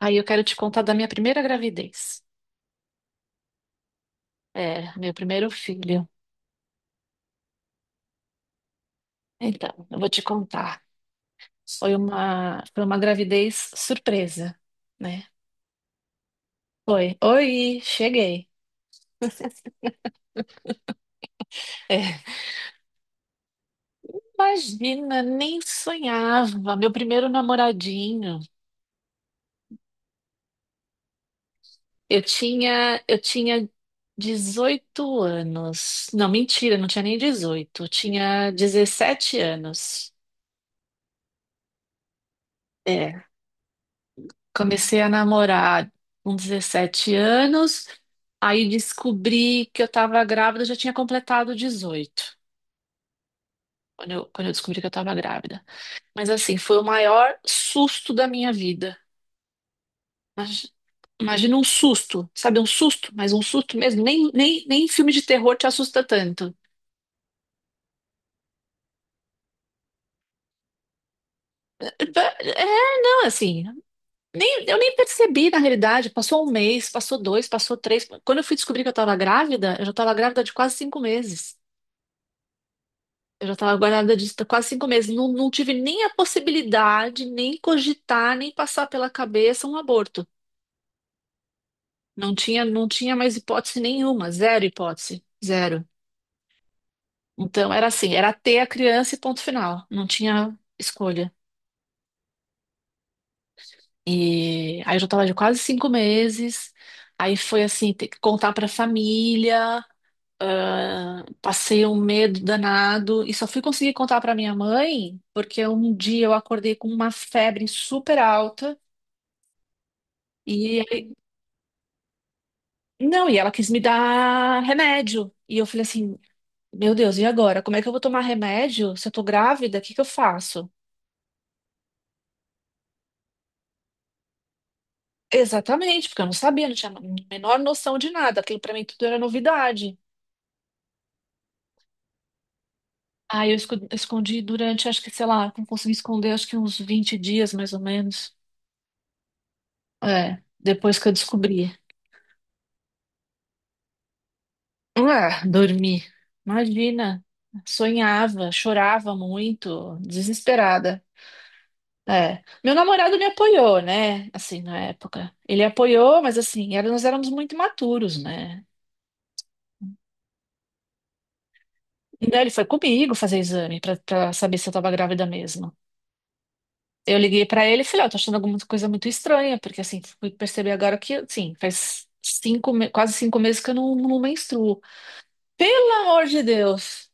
Aí eu quero te contar da minha primeira gravidez. É, meu primeiro filho. Então, eu vou te contar. Foi uma gravidez surpresa, né? Foi. Oi, cheguei. É, imagina, nem sonhava. Meu primeiro namoradinho. Eu tinha 18 anos. Não, mentira, não tinha nem 18. Eu tinha 17 anos. É. Comecei a namorar com 17 anos. Aí descobri que eu estava grávida, eu já tinha completado 18, quando eu descobri que eu estava grávida. Mas assim, foi o maior susto da minha vida. Imag- Imagina um susto, sabe? Um susto, mas um susto mesmo. Nem filme de terror te assusta tanto. É, assim, nem, eu nem percebi na realidade. Passou um mês, passou dois, passou três. Quando eu fui descobrir que eu estava grávida, eu já estava grávida de quase cinco meses. Eu já estava guardada disso há quase cinco meses. Não tive nem a possibilidade, nem cogitar, nem passar pela cabeça um aborto. Não tinha mais hipótese nenhuma, zero hipótese, zero. Então era assim, era ter a criança e ponto final. Não tinha escolha. E aí eu já estava de quase cinco meses. Aí foi assim, ter que contar para a família. Passei um medo danado e só fui conseguir contar para minha mãe porque um dia eu acordei com uma febre super alta. E Não, e ela quis me dar remédio. E eu falei assim: Meu Deus, e agora? Como é que eu vou tomar remédio se eu tô grávida? O que que eu faço? Exatamente, porque eu não sabia, não tinha a menor noção de nada. Aquilo pra mim tudo era novidade. Aí eu escondi durante, acho que, sei lá, não consegui esconder, acho que uns vinte dias mais ou menos. É, depois que eu descobri. Ah, dormi. Imagina. Sonhava, chorava muito, desesperada. É. Meu namorado me apoiou, né? Assim, na época. Ele apoiou, mas assim, era- nós éramos muito imaturos, né? Então ele foi comigo fazer exame pra saber se eu tava grávida mesmo. Eu liguei pra ele e falei, ó, tô achando alguma coisa muito estranha, porque assim, fui perceber agora que, assim, faz cinco, quase cinco meses que eu não menstruo. Pelo amor de Deus!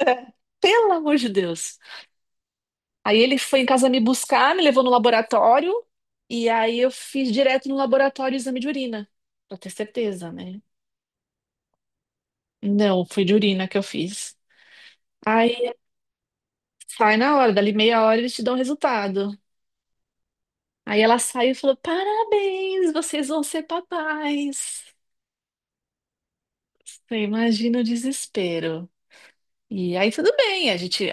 É, Pelo amor de Deus! Aí ele foi em casa me buscar, me levou no laboratório, e aí eu fiz direto no laboratório o exame de urina, pra ter certeza, né? Não, foi de urina que eu fiz. Aí sai na hora, dali meia hora eles te dão o resultado. Aí ela saiu e falou: Parabéns, vocês vão ser papais. Você imagina o desespero. E aí tudo bem, a gente,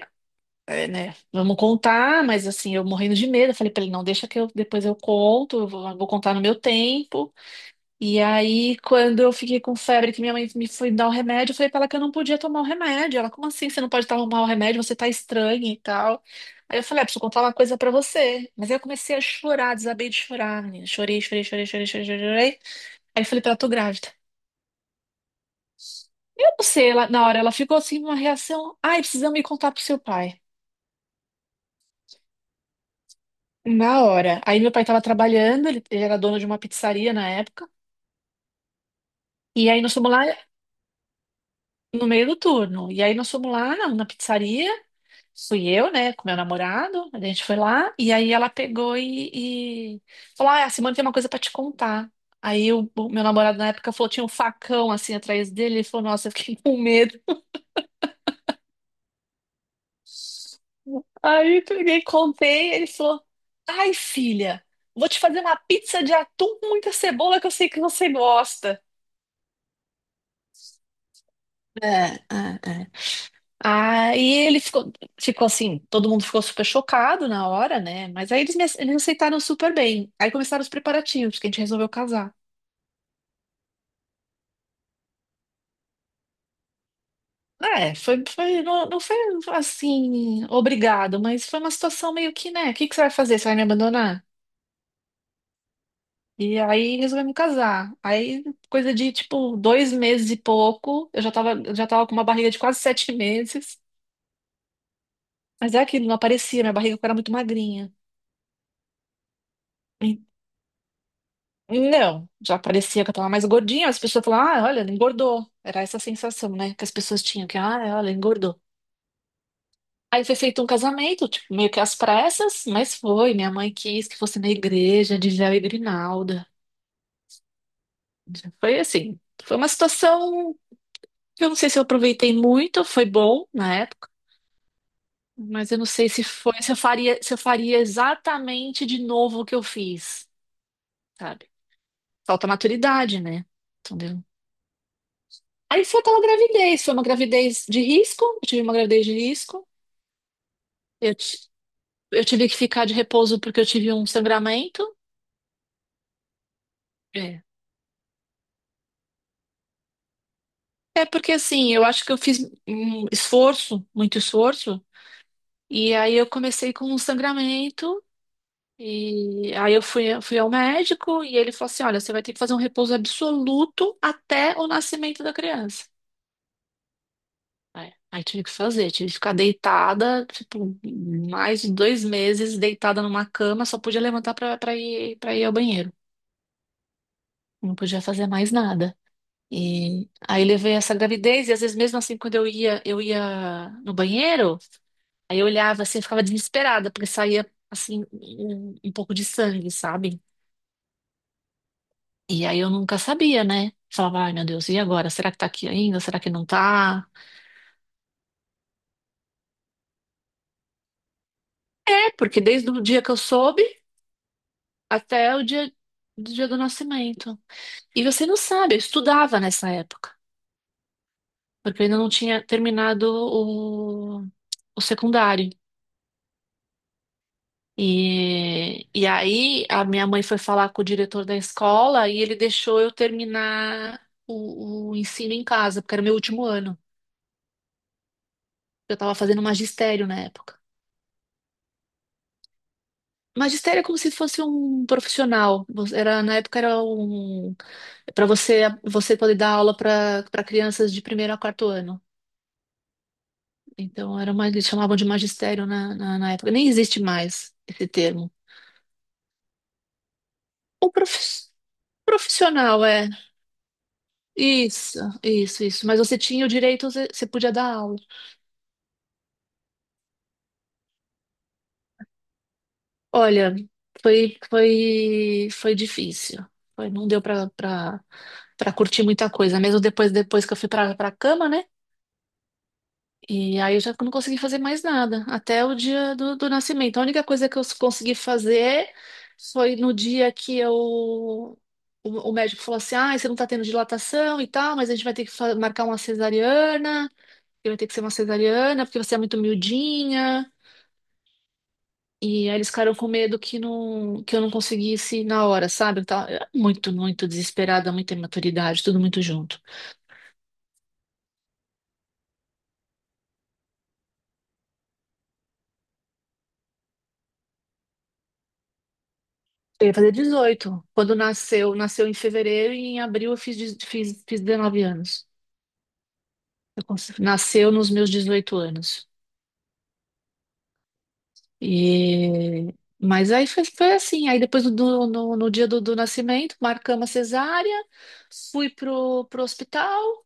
é, né, vamos contar, mas assim, eu morrendo de medo. Eu falei pra ele: Não, deixa que eu depois eu conto, eu vou contar no meu tempo. E aí, quando eu fiquei com febre, que minha mãe me foi dar o remédio, eu falei pra ela que eu não podia tomar o remédio. Ela, como assim? Você não pode tomar o remédio, você tá estranha e tal. Aí eu falei, ah, preciso contar uma coisa pra você. Mas aí eu comecei a chorar, desabei de chorar, menina. Chorei, chorei, chorei, chorei, chorei, chorei, chorei. Aí eu falei pra ela, tô grávida. Eu não sei, ela, na hora ela ficou assim, uma reação. Ai, precisamos me contar pro seu pai. Na hora. Aí meu pai tava trabalhando, ele era dono de uma pizzaria na época. E aí nós fomos lá no meio do turno. E aí nós fomos lá na pizzaria. Fui eu, né, com meu namorado, a gente foi lá, e aí ela pegou e falou, ah, a Simone tem uma coisa pra te contar. Aí o meu namorado na época falou, tinha um facão assim atrás dele, ele falou, nossa, eu fiquei com medo. Aí eu peguei, e contei, ele falou, ai, filha, vou te fazer uma pizza de atum com muita cebola que eu sei que você gosta. É, é, é. Aí ele ficou assim, todo mundo ficou super chocado na hora, né? Mas aí eles aceitaram super bem. Aí começaram os preparativos, que a gente resolveu casar. Ah, é, foi, não foi assim, obrigado, mas foi uma situação meio que, né? O que que você vai fazer? Você vai me abandonar? E aí resolvemos casar. Aí, coisa de tipo dois meses e pouco, eu já tava com uma barriga de quase sete meses. Mas é aquilo, não aparecia, minha barriga era muito magrinha. Não, já parecia que eu tava mais gordinha. As pessoas falavam, ah, olha, ela engordou. Era essa a sensação, né, que as pessoas tinham, que, ah, olha, engordou. Aí foi feito um casamento, tipo, meio que às pressas, mas foi. Minha mãe quis que fosse na igreja, de véu e grinalda. Foi assim, foi uma situação que eu não sei se eu aproveitei muito, foi bom na época, mas eu não sei se foi, se eu faria exatamente de novo o que eu fiz, sabe? Falta maturidade, né? Aí foi aquela gravidez, foi uma gravidez de risco, eu tive uma gravidez de risco. Eu, ti- eu tive que ficar de repouso porque eu tive um sangramento. É. É porque assim, eu acho que eu fiz um esforço, muito esforço, e aí eu comecei com um sangramento, e aí eu fui ao médico e ele falou assim: olha, você vai ter que fazer um repouso absoluto até o nascimento da criança. É. Aí tive que fazer, tive que ficar deitada, tipo, mais de dois meses deitada numa cama, só podia levantar pra ir ao banheiro. Não podia fazer mais nada. E aí levei essa gravidez, e às vezes mesmo assim, quando eu ia no banheiro, aí eu olhava assim, eu ficava desesperada, porque saía assim, um pouco de sangue, sabe? E aí eu nunca sabia, né? Falava, ai meu Deus, e agora? Será que tá aqui ainda? Será que não tá? É, porque desde o dia que eu soube até o dia do nascimento. E você não sabe, eu estudava nessa época, porque eu ainda não tinha terminado o secundário. E aí a minha mãe foi falar com o diretor da escola e ele deixou eu terminar o ensino em casa, porque era o meu último ano. Eu estava fazendo magistério na época. Magistério é como se fosse um profissional. Era, na época era um para você poder dar aula para crianças de primeiro a quarto ano. Então, era uma, eles chamavam de magistério na época. Nem existe mais esse termo. O profi- Profissional, é. Isso, isso, isso. Mas você tinha o direito, você podia dar aula. Olha, foi difícil. Foi, não deu para curtir muita coisa. Mesmo depois que eu fui para a cama, né? E aí eu já não consegui fazer mais nada, até o dia do nascimento. A única coisa que eu consegui fazer foi no dia que eu, o médico falou assim: ah, você não tá tendo dilatação e tal, mas a gente vai ter que marcar uma cesariana, que vai ter que ser uma cesariana, porque você é muito miudinha. E aí eles ficaram com medo que, não, que eu não conseguisse na hora, sabe? Eu era muito, muito desesperada, muita imaturidade, tudo muito junto. Eu ia fazer 18 quando nasceu, nasceu em fevereiro e em abril eu fiz 19 anos. Nasceu nos meus 18 anos. E... Mas aí foi, foi assim. Aí depois no dia do nascimento, marcamos a cesárea, fui pro hospital.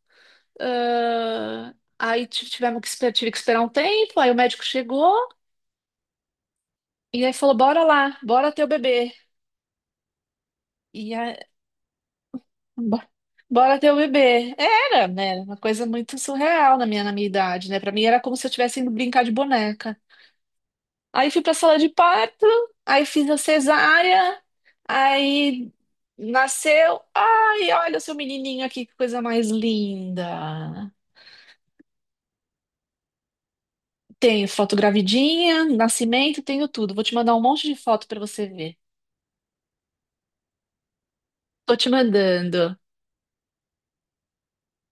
Aí tivemos que, tive que esperar um tempo. Aí o médico chegou e aí falou: Bora lá, bora ter o bebê. e a- Bo- Bora ter o bebê. Era, né? Era uma coisa muito surreal na na minha idade, né? Pra mim era como se eu estivesse indo brincar de boneca. Aí fui pra sala de parto, aí fiz a cesárea, aí nasceu. Ai, olha o seu menininho aqui, que coisa mais linda. Tenho foto gravidinha, nascimento, tenho tudo. Vou te mandar um monte de foto pra você ver. Tô te mandando.